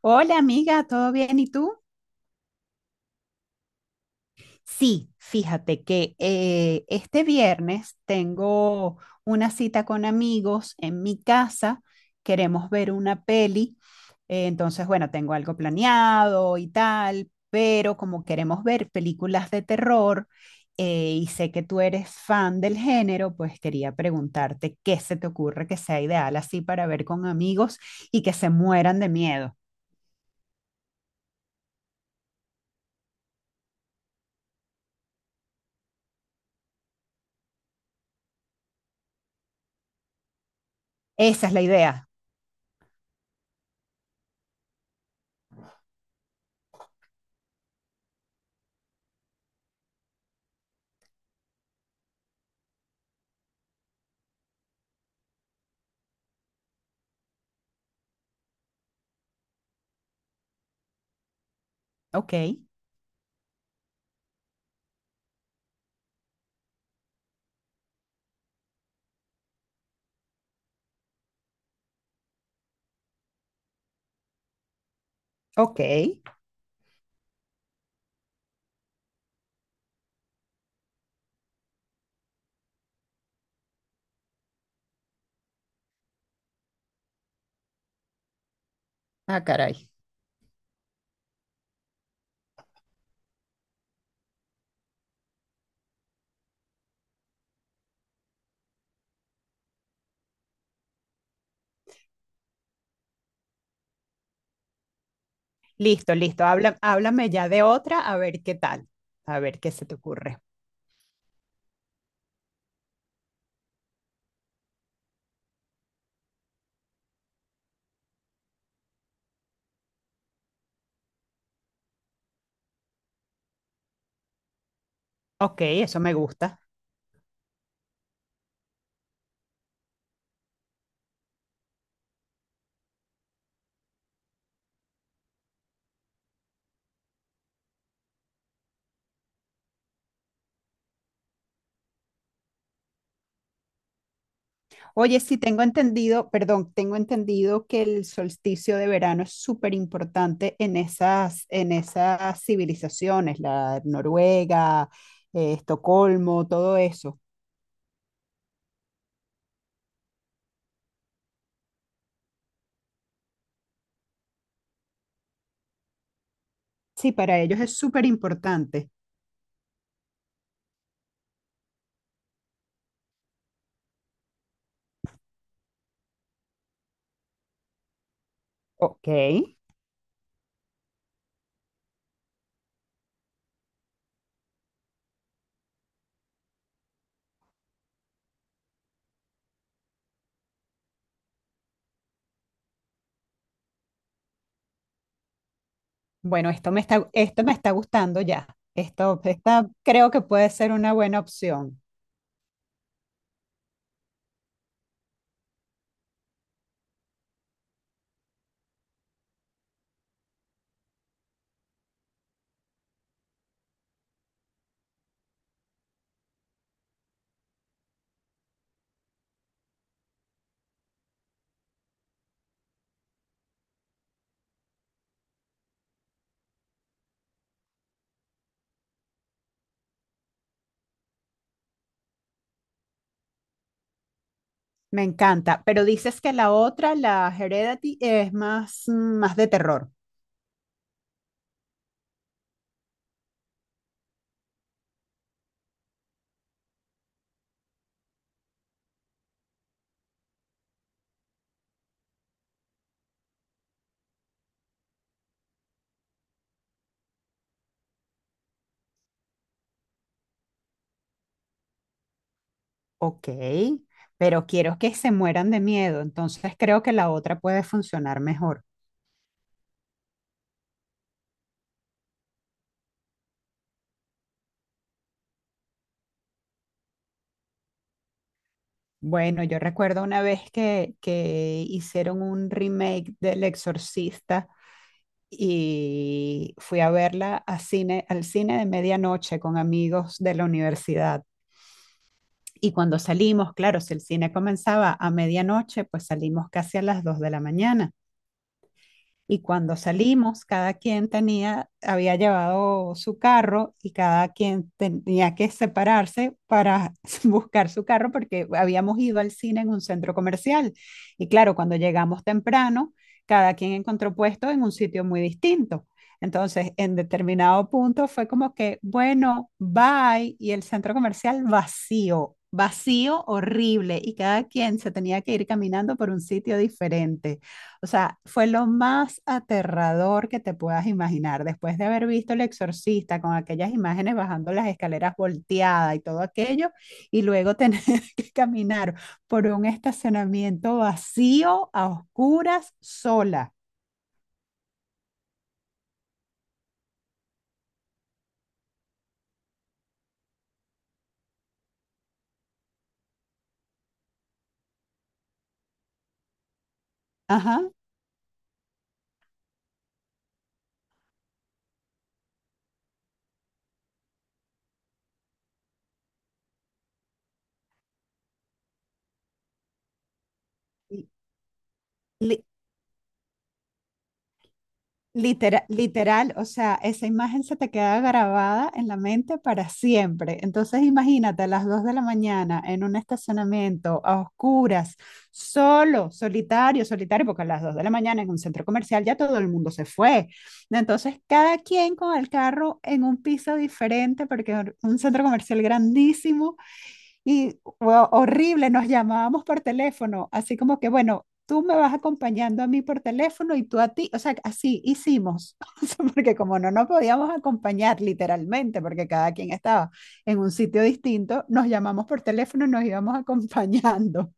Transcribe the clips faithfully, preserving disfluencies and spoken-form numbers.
Hola amiga, ¿todo bien? ¿Y tú? Sí, fíjate que eh, este viernes tengo una cita con amigos en mi casa. Queremos ver una peli. Eh, entonces, bueno, tengo algo planeado y tal, pero como queremos ver películas de terror, eh, y sé que tú eres fan del género, pues quería preguntarte qué se te ocurre que sea ideal así para ver con amigos y que se mueran de miedo. Esa es la idea. Ok, ok. Ah, caray. Listo, listo. Habla, háblame ya de otra, a ver qué tal, a ver qué se te ocurre. Ok, eso me gusta. Oye, sí, tengo entendido, perdón, tengo entendido que el solsticio de verano es súper importante en esas, en esas civilizaciones, la Noruega, eh, Estocolmo, todo eso. Sí, para ellos es súper importante. Ok, bueno, esto me está, esto me está gustando ya. Esto, esta creo que puede ser una buena opción. Me encanta, pero dices que la otra, la Heredity, es más, mm, más de terror. Ok, pero quiero que se mueran de miedo, entonces creo que la otra puede funcionar mejor. Bueno, yo recuerdo una vez que, que hicieron un remake del Exorcista y fui a verla a cine, al cine de medianoche con amigos de la universidad. Y cuando salimos, claro, si el cine comenzaba a medianoche, pues salimos casi a las dos de la mañana. Y cuando salimos, cada quien tenía, había llevado su carro y cada quien tenía que separarse para buscar su carro porque habíamos ido al cine en un centro comercial. Y claro, cuando llegamos temprano, cada quien encontró puesto en un sitio muy distinto. Entonces, en determinado punto fue como que, bueno, bye, y el centro comercial vacío, vacío, horrible, y cada quien se tenía que ir caminando por un sitio diferente. O sea, fue lo más aterrador que te puedas imaginar. Después de haber visto El Exorcista con aquellas imágenes bajando las escaleras volteadas y todo aquello, y luego tener que caminar por un estacionamiento vacío, a oscuras, sola. Ajá. Y li- literal, literal, o sea, esa imagen se te queda grabada en la mente para siempre. Entonces, imagínate a las dos de la mañana en un estacionamiento a oscuras, solo, solitario, solitario, porque a las dos de la mañana en un centro comercial ya todo el mundo se fue. Entonces, cada quien con el carro en un piso diferente, porque es un centro comercial grandísimo y fue horrible, nos llamábamos por teléfono, así como que, bueno, tú me vas acompañando a mí por teléfono y tú a ti, o sea, así hicimos. O sea, porque como no nos podíamos acompañar literalmente, porque cada quien estaba en un sitio distinto, nos llamamos por teléfono y nos íbamos acompañando.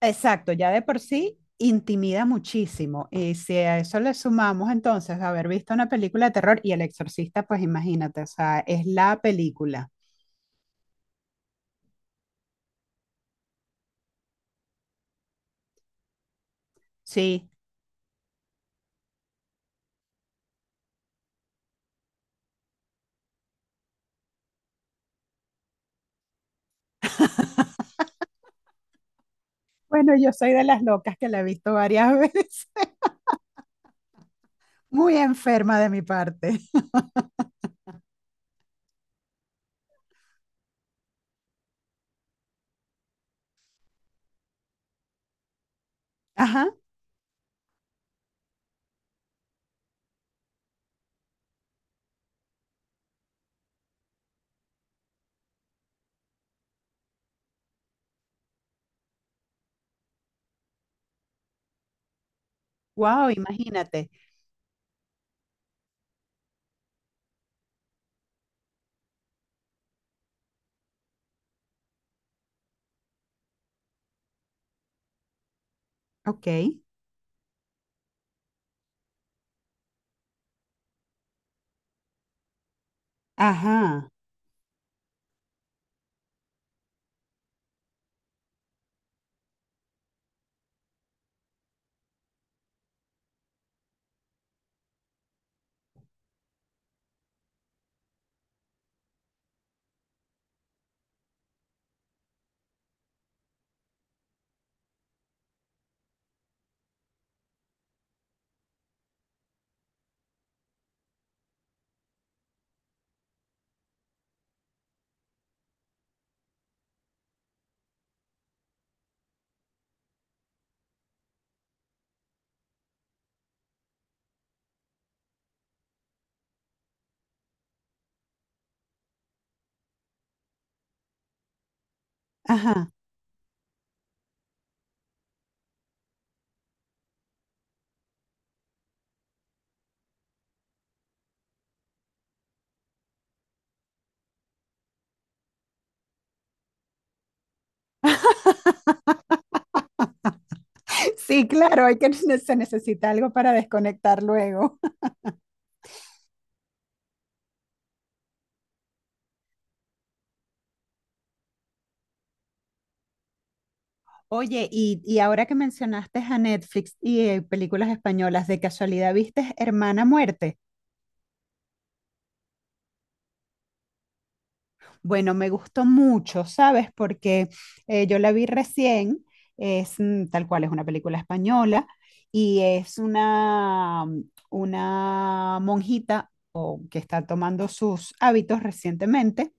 Exacto, ya de por sí intimida muchísimo. Y si a eso le sumamos entonces haber visto una película de terror y El Exorcista, pues imagínate, o sea, es la película. Sí, bueno, yo soy de las locas que la he visto varias veces. Muy enferma de mi parte. Ajá. Wow, imagínate. Ok. Ajá. Ajá. Sí, claro, hay que se necesita algo para desconectar luego. Oye, y, y ahora que mencionaste a Netflix y eh, películas españolas, ¿de casualidad viste Hermana Muerte? Bueno, me gustó mucho, ¿sabes? Porque eh, yo la vi recién, es mm, tal cual, es una película española y es una, una monjita o que está tomando sus hábitos recientemente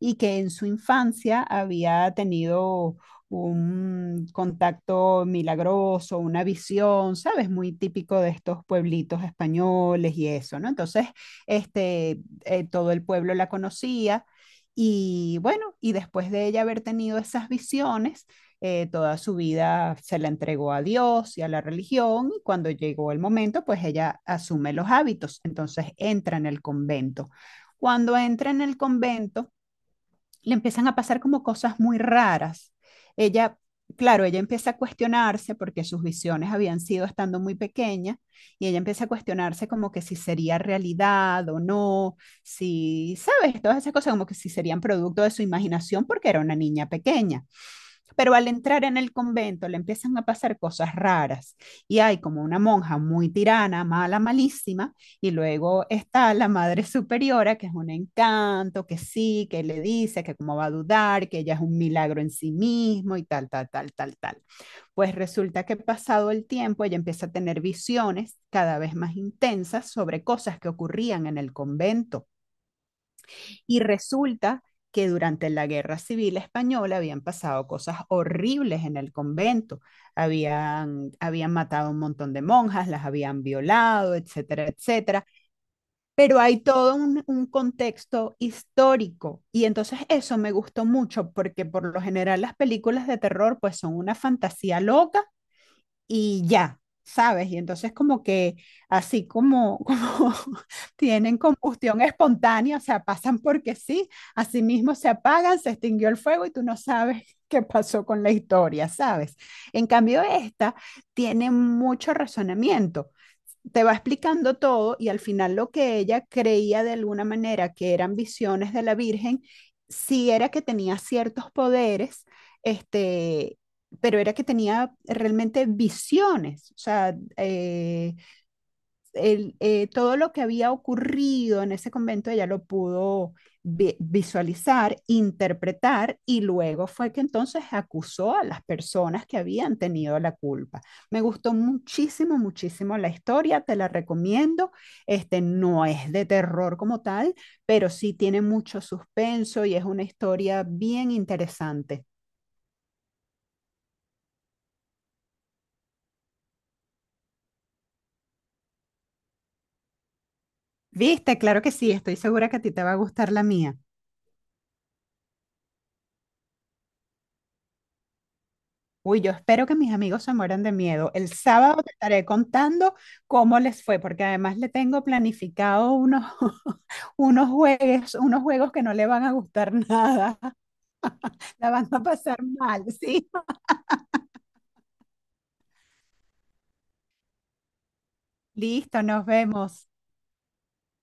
y que en su infancia había tenido un contacto milagroso, una visión, ¿sabes? Muy típico de estos pueblitos españoles y eso, ¿no? Entonces, este, eh, todo el pueblo la conocía y bueno, y después de ella haber tenido esas visiones, eh, toda su vida se la entregó a Dios y a la religión, y cuando llegó el momento, pues ella asume los hábitos, entonces entra en el convento. Cuando entra en el convento, le empiezan a pasar como cosas muy raras. Ella, claro, ella empieza a cuestionarse porque sus visiones habían sido estando muy pequeña y ella empieza a cuestionarse como que si sería realidad o no, si, sabes, todas esas cosas como que si serían producto de su imaginación porque era una niña pequeña. Pero al entrar en el convento le empiezan a pasar cosas raras y hay como una monja muy tirana, mala, malísima, y luego está la madre superiora, que es un encanto, que sí, que le dice que cómo va a dudar, que ella es un milagro en sí mismo y tal, tal, tal, tal, tal. Pues resulta que pasado el tiempo ella empieza a tener visiones cada vez más intensas sobre cosas que ocurrían en el convento y resulta que durante la Guerra Civil Española habían pasado cosas horribles en el convento. Habían, habían matado a un montón de monjas, las habían violado, etcétera, etcétera. Pero hay todo un, un contexto histórico y entonces eso me gustó mucho porque por lo general las películas de terror pues son una fantasía loca y ya, ¿sabes? Y entonces como que así como, como tienen combustión espontánea, o sea, pasan porque sí, así mismo se apagan, se extinguió el fuego y tú no sabes qué pasó con la historia, ¿sabes? En cambio, esta tiene mucho razonamiento, te va explicando todo y al final lo que ella creía de alguna manera que eran visiones de la Virgen, sí era que tenía ciertos poderes, este, pero era que tenía realmente visiones, o sea, eh, el, eh, todo lo que había ocurrido en ese convento ella lo pudo vi- visualizar, interpretar y luego fue que entonces acusó a las personas que habían tenido la culpa. Me gustó muchísimo, muchísimo la historia, te la recomiendo. Este no es de terror como tal, pero sí tiene mucho suspenso y es una historia bien interesante. ¿Viste? Claro que sí, estoy segura que a ti te va a gustar la mía. Uy, yo espero que mis amigos se mueran de miedo. El sábado te estaré contando cómo les fue, porque además le tengo planificado unos, unos juegos, unos juegos que no le van a gustar nada. La van a pasar mal, ¿sí? Listo, nos vemos.